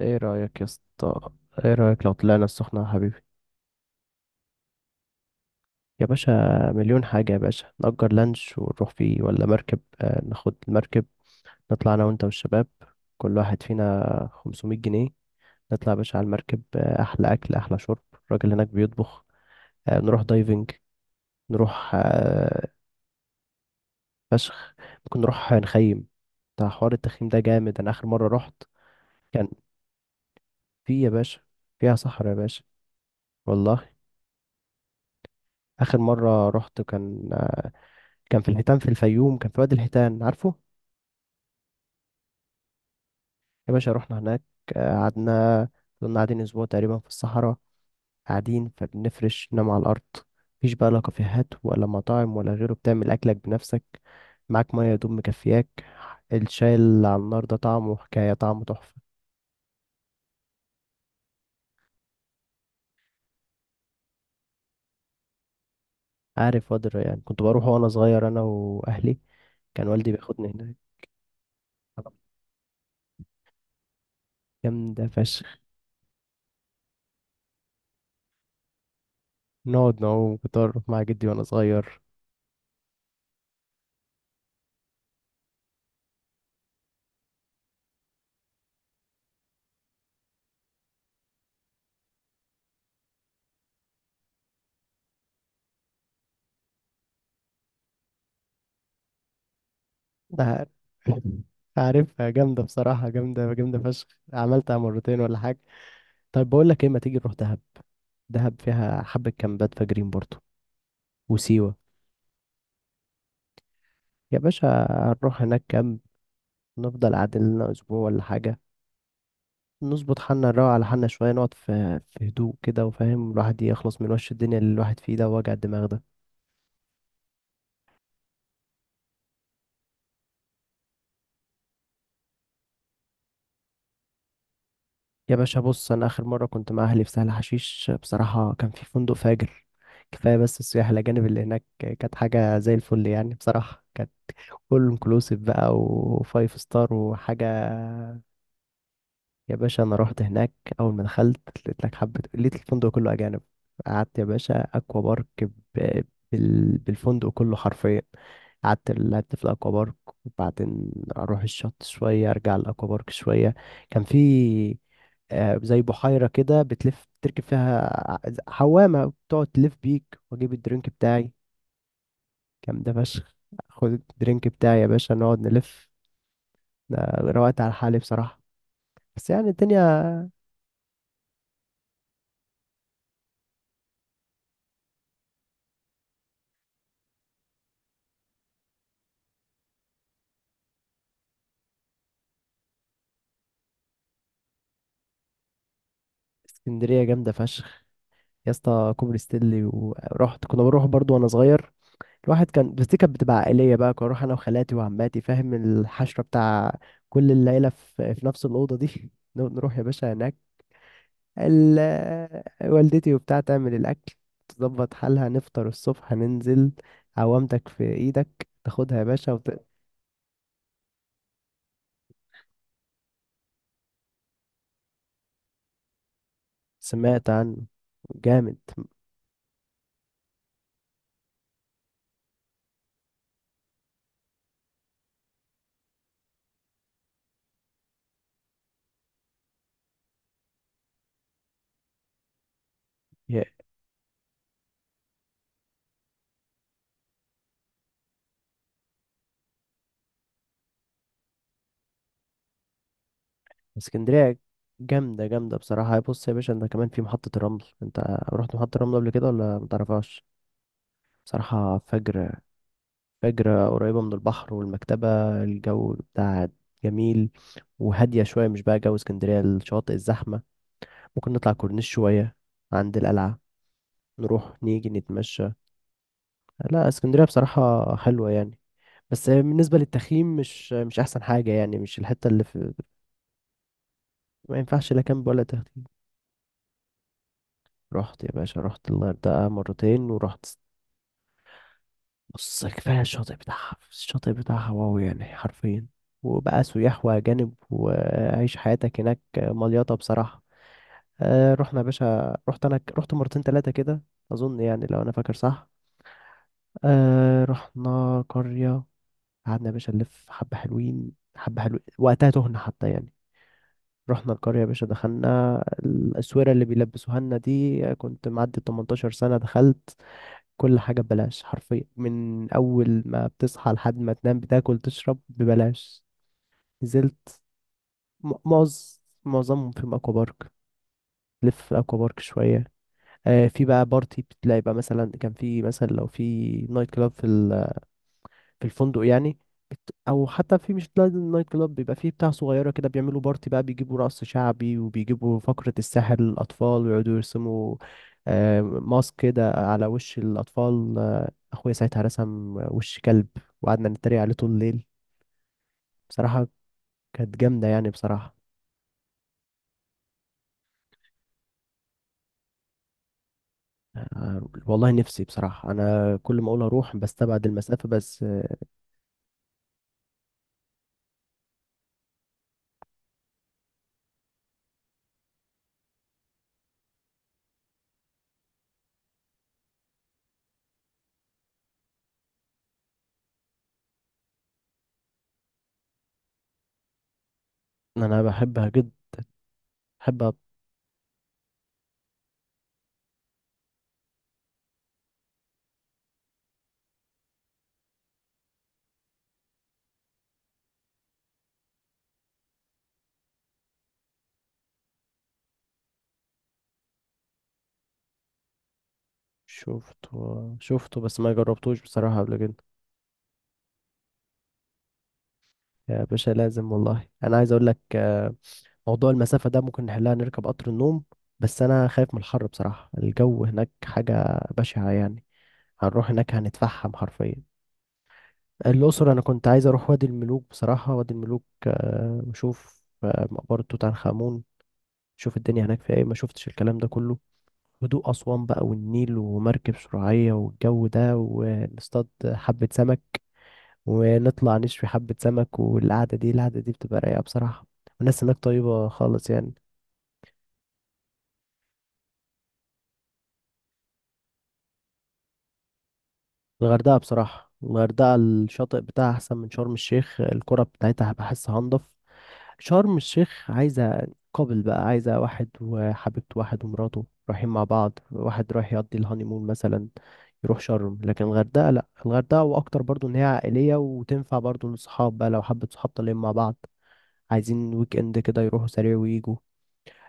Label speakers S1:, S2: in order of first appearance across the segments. S1: ايه رأيك يا اسطى. ايه رأيك لو طلعنا السخنة يا حبيبي؟ يا باشا، مليون حاجة يا باشا، نأجر لانش ونروح فيه ولا مركب. آه ناخد المركب، نطلع انا وانت والشباب، كل واحد فينا 500 جنيه. نطلع يا باشا على المركب، احلى اكل احلى شرب، الراجل هناك بيطبخ. نروح دايفنج، نروح فشخ. ممكن نروح نخيم، بتاع حوار التخييم ده جامد. انا اخر مرة رحت كان في يا باشا، فيها صحراء يا باشا، والله. اخر مرة رحت كان كان في الحيتان في الفيوم، كان في وادي الحيتان، عارفه؟ يا باشا رحنا هناك. قعدنا، كنا قاعدين اسبوع تقريبا في الصحراء، قاعدين فبنفرش نام على الارض، مفيش بقى لا كافيهات ولا مطاعم ولا غيره، بتعمل اكلك بنفسك، معاك ميه يا دوب مكفياك. الشاي اللي على النار ده طعمه حكايه، طعمه تحفه. عارف وادي الريان، كنت بروح وانا صغير انا واهلي، كان والدي بياخدني هناك. جامدة فشخ، نقعد نعوم، كنت أروح مع جدي وأنا صغير. ده عارف. عارفها جامدة بصراحة، جامدة جامدة فشخ، عملتها مرتين ولا حاجة. طيب بقول لك ايه، ما تيجي نروح دهب، دهب فيها حبة كامبات فجرين برضو، وسيوة. يا باشا هنروح هناك كامب، نفضل قاعدين لنا أسبوع ولا حاجة، نظبط حالنا، نروق على حالنا شوية، نقعد في هدوء كده، وفاهم، الواحد يخلص من وش الدنيا اللي الواحد فيه ده، ووجع الدماغ ده. يا باشا بص، أنا آخر مرة كنت مع أهلي في سهل حشيش، بصراحة كان في فندق فاجر، كفاية بس السياح الأجانب اللي هناك، كانت حاجة زي الفل يعني، بصراحة كانت فول انكلوسيف بقى وفايف ستار وحاجة. يا باشا أنا رحت هناك، أول ما دخلت لقيت لك حبة، لقيت الفندق كله أجانب. قعدت يا باشا أكوا بارك بالفندق كله حرفيا، قعدت لعبت في الأكوا بارك، وبعدين أروح الشط شوية، أرجع الأكوا بارك شوية. كان في زي بحيرة كده بتلف، تركب فيها حوامة، بتقعد تلف بيك وأجيب الدرينك بتاعي. كان ده فشخ، خد الدرينك بتاعي يا باشا، نقعد نلف ده، روقت على حالي بصراحة، بس يعني الدنيا. اسكندرية جامدة فشخ، يا اسطى كوبري ستانلي، ورحت، كنا بنروح برضو وانا صغير. الواحد كان، بس دي كانت بتبقى عائلية بقى، كنت اروح انا وخالاتي وعماتي، فاهم الحشرة بتاع، كل العيلة في نفس الأوضة دي نقعد نروح يا باشا هناك، ال... والدتي وبتاع تعمل الأكل، تظبط حالها، نفطر الصبح، هننزل، عوامتك في ايدك تاخدها يا باشا سمعت عنه. جامد. اسكندرية جامدة، جامدة بصراحة. بص يا باشا انت كمان في محطة الرمل، انت رحت محطة الرمل قبل كده ولا متعرفهاش؟ بصراحة فجر، فجر، قريبة من البحر والمكتبة، الجو بتاع جميل، وهادية شوية، مش بقى جو اسكندرية الشواطئ الزحمة، ممكن نطلع كورنيش شوية عند القلعة، نروح نيجي نتمشى. لا اسكندرية بصراحة حلوة يعني، بس بالنسبة للتخييم مش أحسن حاجة يعني، مش الحتة اللي في. ما ينفعش لا كامب ولا تخييم. رحت يا باشا، رحت الغردقة مرتين ورحت. بص كفاية الشاطئ بتاعها، الشاطئ بتاعها واو يعني حرفيا، وبقى سياح وأجانب، وعيش حياتك هناك مليطة بصراحة. آه رحنا يا باشا، رحت أنا رحت مرتين تلاتة كده أظن يعني، لو أنا فاكر صح. آه رحنا قرية، قعدنا يا باشا نلف، حبة حلوين حبة حلوين وقتها، تهنا حتى يعني. رحنا القرية يا باشا، دخلنا، الأسورة اللي بيلبسوها لنا دي، كنت معدي 18 سنة، دخلت كل حاجة ببلاش حرفيا، من أول ما بتصحى لحد ما تنام بتاكل تشرب ببلاش. نزلت م- معظ معظمهم في أكوا بارك، لف في أكوا بارك شوية. في بقى بارتي، بتلاقي بقى مثلا، كان في مثلا لو في نايت كلاب في في الفندق يعني، او حتى، في مش لازم نايت كلاب، بيبقى فيه بتاع صغيره كده، بيعملوا بارتي بقى، بيجيبوا رقص شعبي، وبيجيبوا فقره السحر للاطفال، ويقعدوا يرسموا ماسك كده على وش الأطفال. اخويا ساعتها رسم وش كلب، وقعدنا نتريق عليه طول الليل بصراحة. كانت جامدة يعني بصراحة. والله نفسي بصراحة، انا كل ما اقول اروح بستبعد المسافة، بس آه،. انا بحبها جدا، بحبها. شفته شفته، بس ما جربتوش بصراحة قبل كده. يا باشا لازم والله، انا عايز اقول لك موضوع المسافة ده ممكن نحلها، نركب قطر النوم، بس انا خايف من الحر بصراحة، الجو هناك حاجة بشعة يعني، هنروح هناك هنتفحم حرفيا. الأقصر أنا كنت عايز أروح وادي الملوك بصراحة، وادي الملوك وأشوف مقبرة توت عنخ آمون، أشوف الدنيا هناك فيها إيه، ما شفتش الكلام ده كله. هدوء أسوان بقى، والنيل ومركب شراعية والجو ده، ونصطاد حبة سمك، ونطلع نشوي حبة سمك، والقعدة دي، القعدة دي بتبقى رايقة بصراحة، والناس هناك طيبة خالص يعني. الغردقة بصراحة، الغردقة الشاطئ بتاعها أحسن من شرم الشيخ، الكرة بتاعتها بحسها أنضف. شرم الشيخ عايزة، قابل بقى عايزة واحد وحبيبته، واحد ومراته رايحين مع بعض، واحد رايح يقضي الهانيمون مثلا، يروح شرم. لكن الغردقة لأ، الغردقة وأكتر برضو، إن هي عائلية، وتنفع برضو للصحاب بقى، لو حبة صحاب طالعين مع بعض عايزين ويك إند كده، يروحوا سريع ويجوا.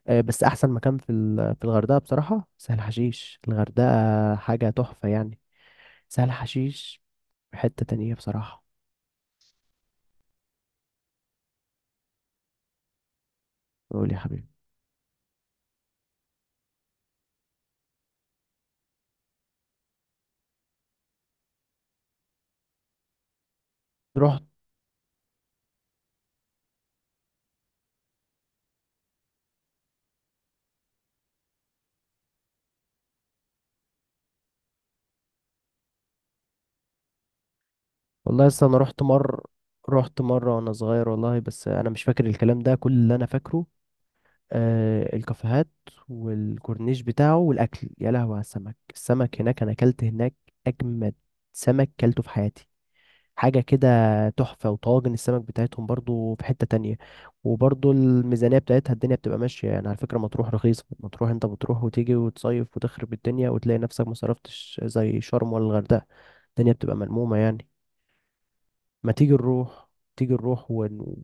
S1: بس أحسن مكان في الغردقة بصراحة سهل حشيش، الغردقة حاجة تحفة يعني. سهل حشيش في حتة تانية بصراحة. قول يا حبيبي. رحت والله، لسه انا رحت مر رحت مره وانا صغير والله، بس انا مش فاكر الكلام ده، كل اللي انا فاكره آه الكافيهات والكورنيش بتاعه والاكل، يا لهوي على السمك، السمك هناك، انا اكلت هناك اجمد سمك كلته في حياتي، حاجه كده تحفه، وطواجن السمك بتاعتهم برضو في حته تانية. وبرضو الميزانيه بتاعتها، الدنيا بتبقى ماشيه يعني، على فكره مطروح رخيصه، مطروح انت بتروح وتيجي وتصيف وتخرب الدنيا، وتلاقي نفسك ما صرفتش زي شرم ولا الغردقه، الدنيا بتبقى ملمومه يعني. ما تيجي نروح، تيجي نروح ون-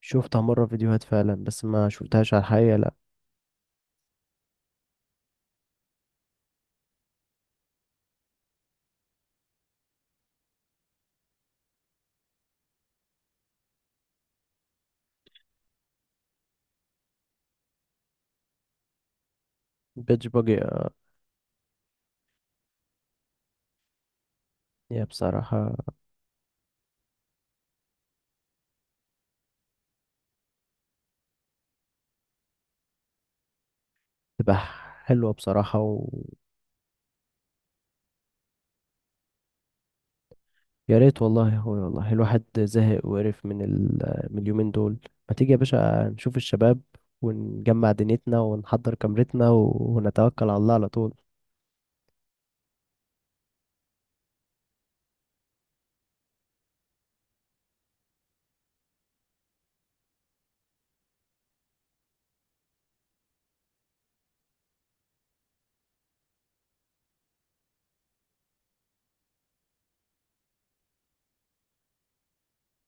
S1: شفتها مرة فيديوهات فعلا، بس ما شفتهاش على الحقيقة لا. بيتش باجي. يا بصراحة تبقى حلوة بصراحة، ويا ريت والله يا اخويا، والله الواحد زهق وقرف من من اليومين دول. ما تيجي يا باشا نشوف الشباب، ونجمع دنيتنا، ونحضر كاميرتنا ونتوكل على الله على طول.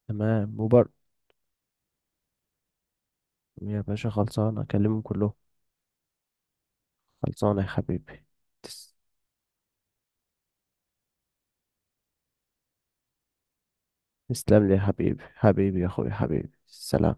S1: تمام. يا باشا خلصانة، أكلمهم كلهم. خلصانة يا حبيبي. تس... تسلم لي يا حبيبي، حبيبي يا أخويا، حبيبي سلام.